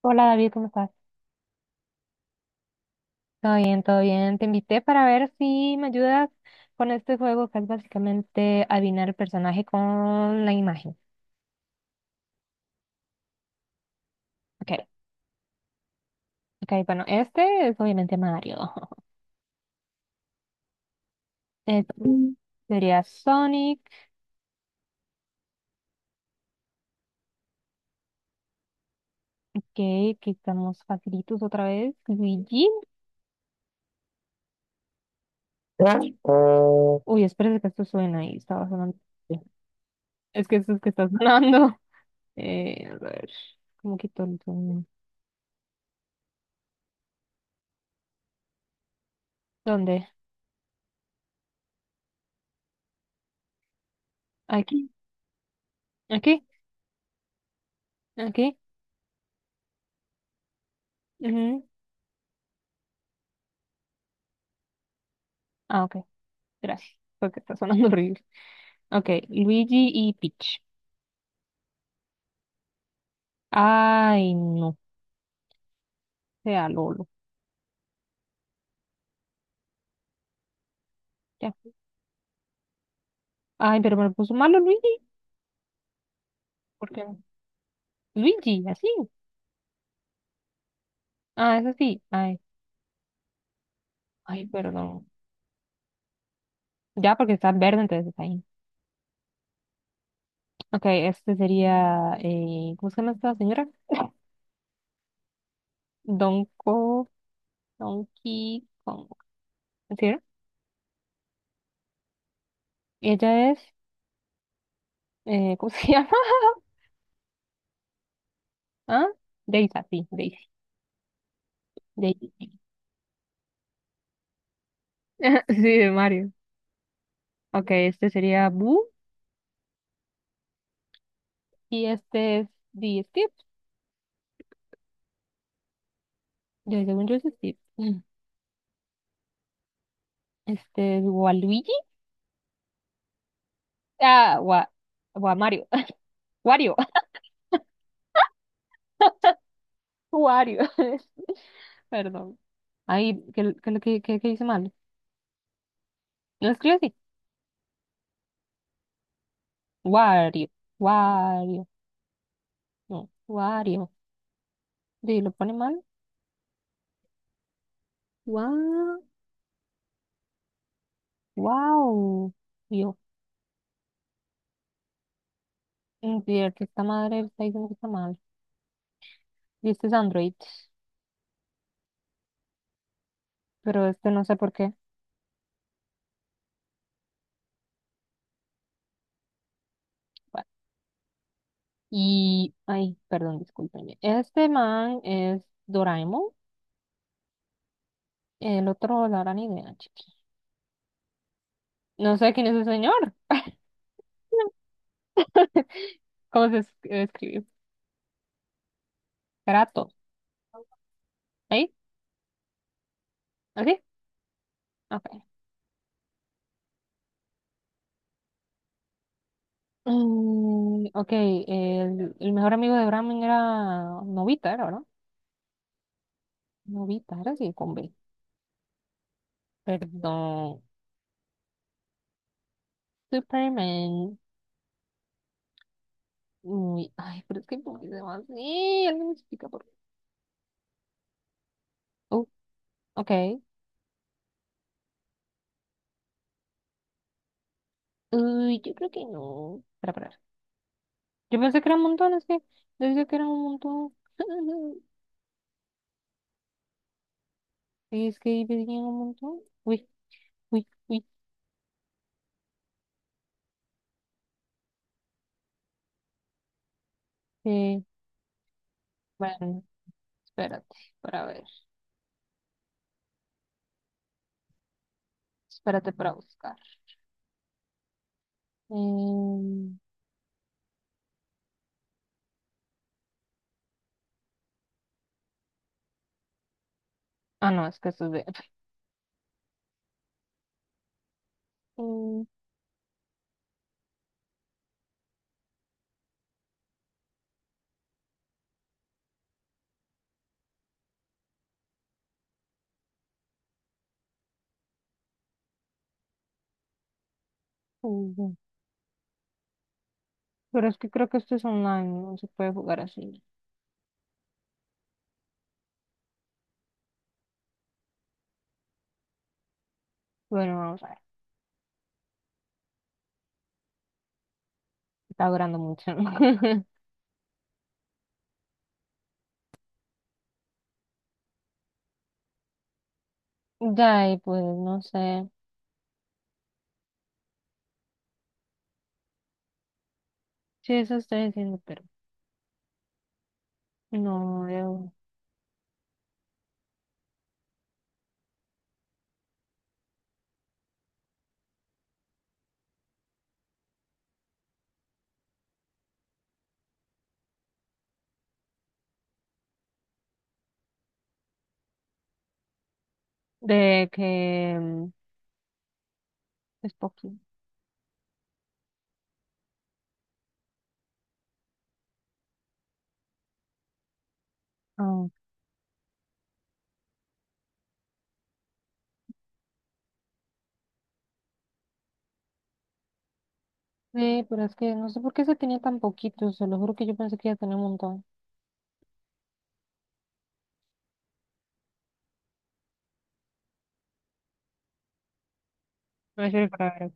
Hola David, ¿cómo estás? Todo bien, todo bien. Te invité para ver si me ayudas con este juego que es básicamente adivinar el personaje con la imagen. Ok, ok, bueno, este es obviamente Mario. Este sería Sonic. Ok, que estamos facilitos otra vez. Luigi. Uy, espérate que esto suena ahí, estaba sonando. Es que esto es que está sonando. A ver, ¿cómo quito el sonido? ¿Dónde? Aquí, aquí, aquí. Ujú. Ah, ok. Gracias, porque está sonando horrible. Ok, Luigi y Peach. Ay, no, sea Lolo. Ya. Ay, pero me puso malo Luigi. ¿Por qué? Luigi, así. Ah, es así. Ay, ay, perdón. Ya, porque está verde, entonces está ahí. Ok, este sería. ¿Cómo se llama esta señora? Donko, Donkey Kong. ¿Sí, no? Ella es. ¿Cómo se llama? ¿Ah? Daisy, sí, Daisy. Daisy. Sí, de Mario. Ok, este sería Boo. Y este es de Steve. Yo, según yo es Steve. Mm. Este es Waluigi. Ah, Wa, Wa Mario. Wario. Wario. Perdón. Ahí, ¿qué hice mal? Lo escribo así. Wario. Wario. No, Wario. Sí, lo pone mal. Wow. Wow. Yo. Cierto, esta madre está diciendo que está mal. Y este es Android. Pero este no sé por qué. Y, ay, perdón, discúlpenme. Este man es Doraemon, el otro la gran idea, chiqui. No sé quién es el señor. ¿Cómo se escribe? Kratos. ¿Ahí? ¿Así? Ok. Mm, ok, el mejor amigo de Doraemon era Novita, era, ¿no? Novita, era así, con B. Perdón. Superman. Uy, ay, pero es que ¿por qué se llama así? Alguien me explica por qué. Uh, ok. Uy, yo creo que no. Espera, espera. Yo pensé que era un montón, es que decía que era un montón. Y es que ahí decía un montón. Uy, uy, uy. Eh, bueno, espérate para ver. Espérate para buscar. Em, ah, no, es que esto es de... Mm, ujú. Pero es que creo que esto es online, no se puede jugar así. Bueno, vamos a ver. Está durando mucho. Ya, y pues no sé. Sí, eso estoy diciendo, pero no veo. De que es poquito. Sí, pero es que no sé por qué se tenía tan poquito, se lo juro que yo pensé que iba a tener un montón. A ver, para ver,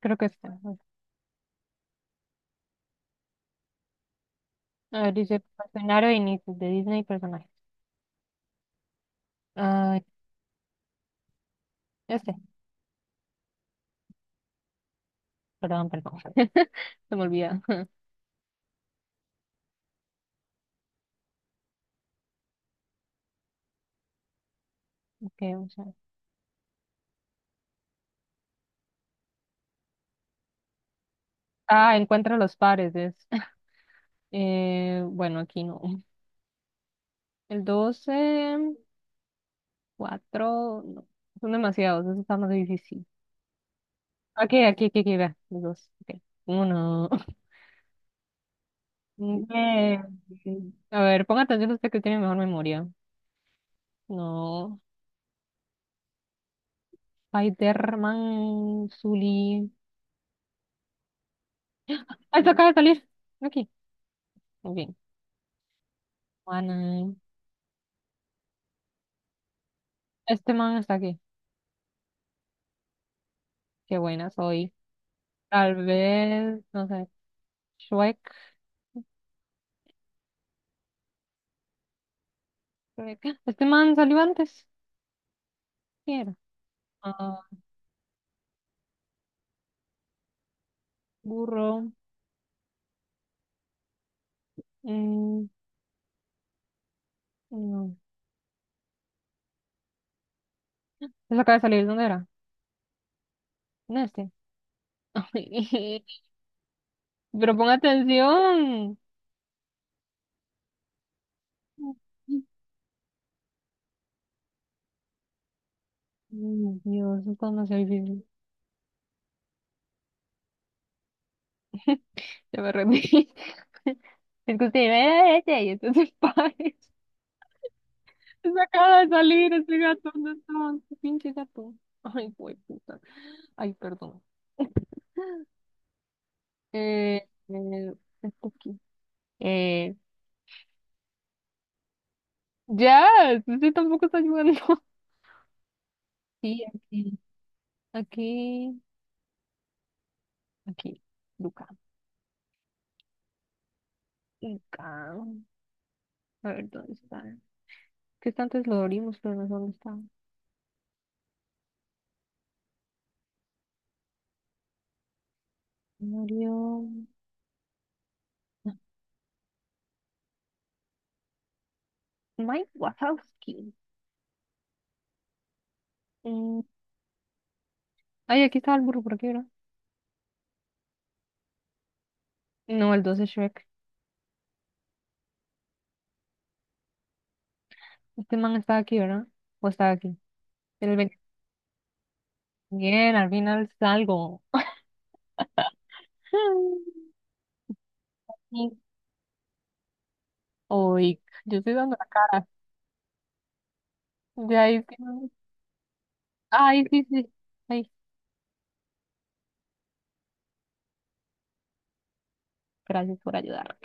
creo que está. A ver, dice escenario de inicio de Disney y personajes. Ah, este, perdón, perdón, se me olvida. Okay, vamos a ver. Ah, encuentra los pares, es. Bueno, aquí no. El 12 4 no, son demasiados, eso está más difícil. Aquí, aquí, aquí, aquí, vea, los dos. Okay. Uno. Eh, a ver, ponga atención usted que tiene mejor memoria. No. Spider-Man, Zully. ¡Ay, se acaba de salir! Aquí. Muy bien. Juana. Este man está aquí. Qué buena soy. Tal vez, no sé. Shrek. Shrek. Este man salió antes. ¿Quién era? Ah, burro. Mm, no. Se acaba de salir. ¿Dónde era? En este. Pero pon atención. Dios, esto es demasiado difícil. Ya me rendí. Es que usted ve y entonces pares. Se acaba de salir ese gato, ¿dónde estaba? Ese pinche gato. Ay, güey, puta. Ay, perdón. Eh, eh, Está aquí. Eh, ya, sí, sí, tampoco está ayudando. Sí, aquí, aquí, aquí. Luca, Luca. A ver, ¿dónde está? Que está antes lo abrimos, pero no sé dónde está. Murió. Mike Wazowski. Mm, Ay, aquí estaba el burro, ¿por qué era? No, el 12 Shrek. Este man estaba aquí, ¿verdad? ¿O estaba aquí? El Bien, al final salgo. Mm. Oy, yo estoy dando la cara. De ahí. Sí no- Ay, sí, sí. Ay, gracias por ayudar.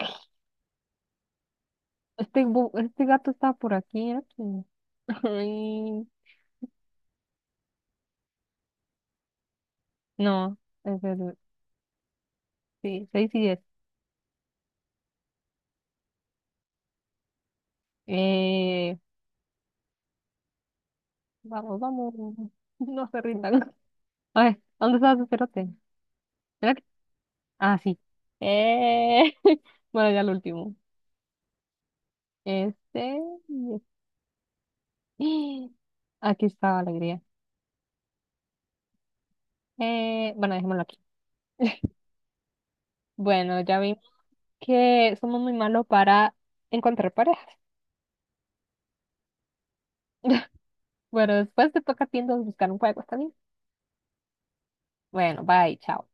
Este gato está por aquí, ¿eh? Sí. Ay, no, es el, sí, seis y 10. Eh, Vamos, vamos. No se rindan. A ver, ¿dónde está su cerote? ¿Será que- Ah, sí. Eh, bueno, ya lo último. Este, y este. Aquí está la alegría. Bueno, dejémoslo aquí. Bueno, ya vimos que somos muy malos para encontrar parejas. Bueno, después te toca a ti entonces buscar un juego, ¿está bien? Bueno, bye, chao.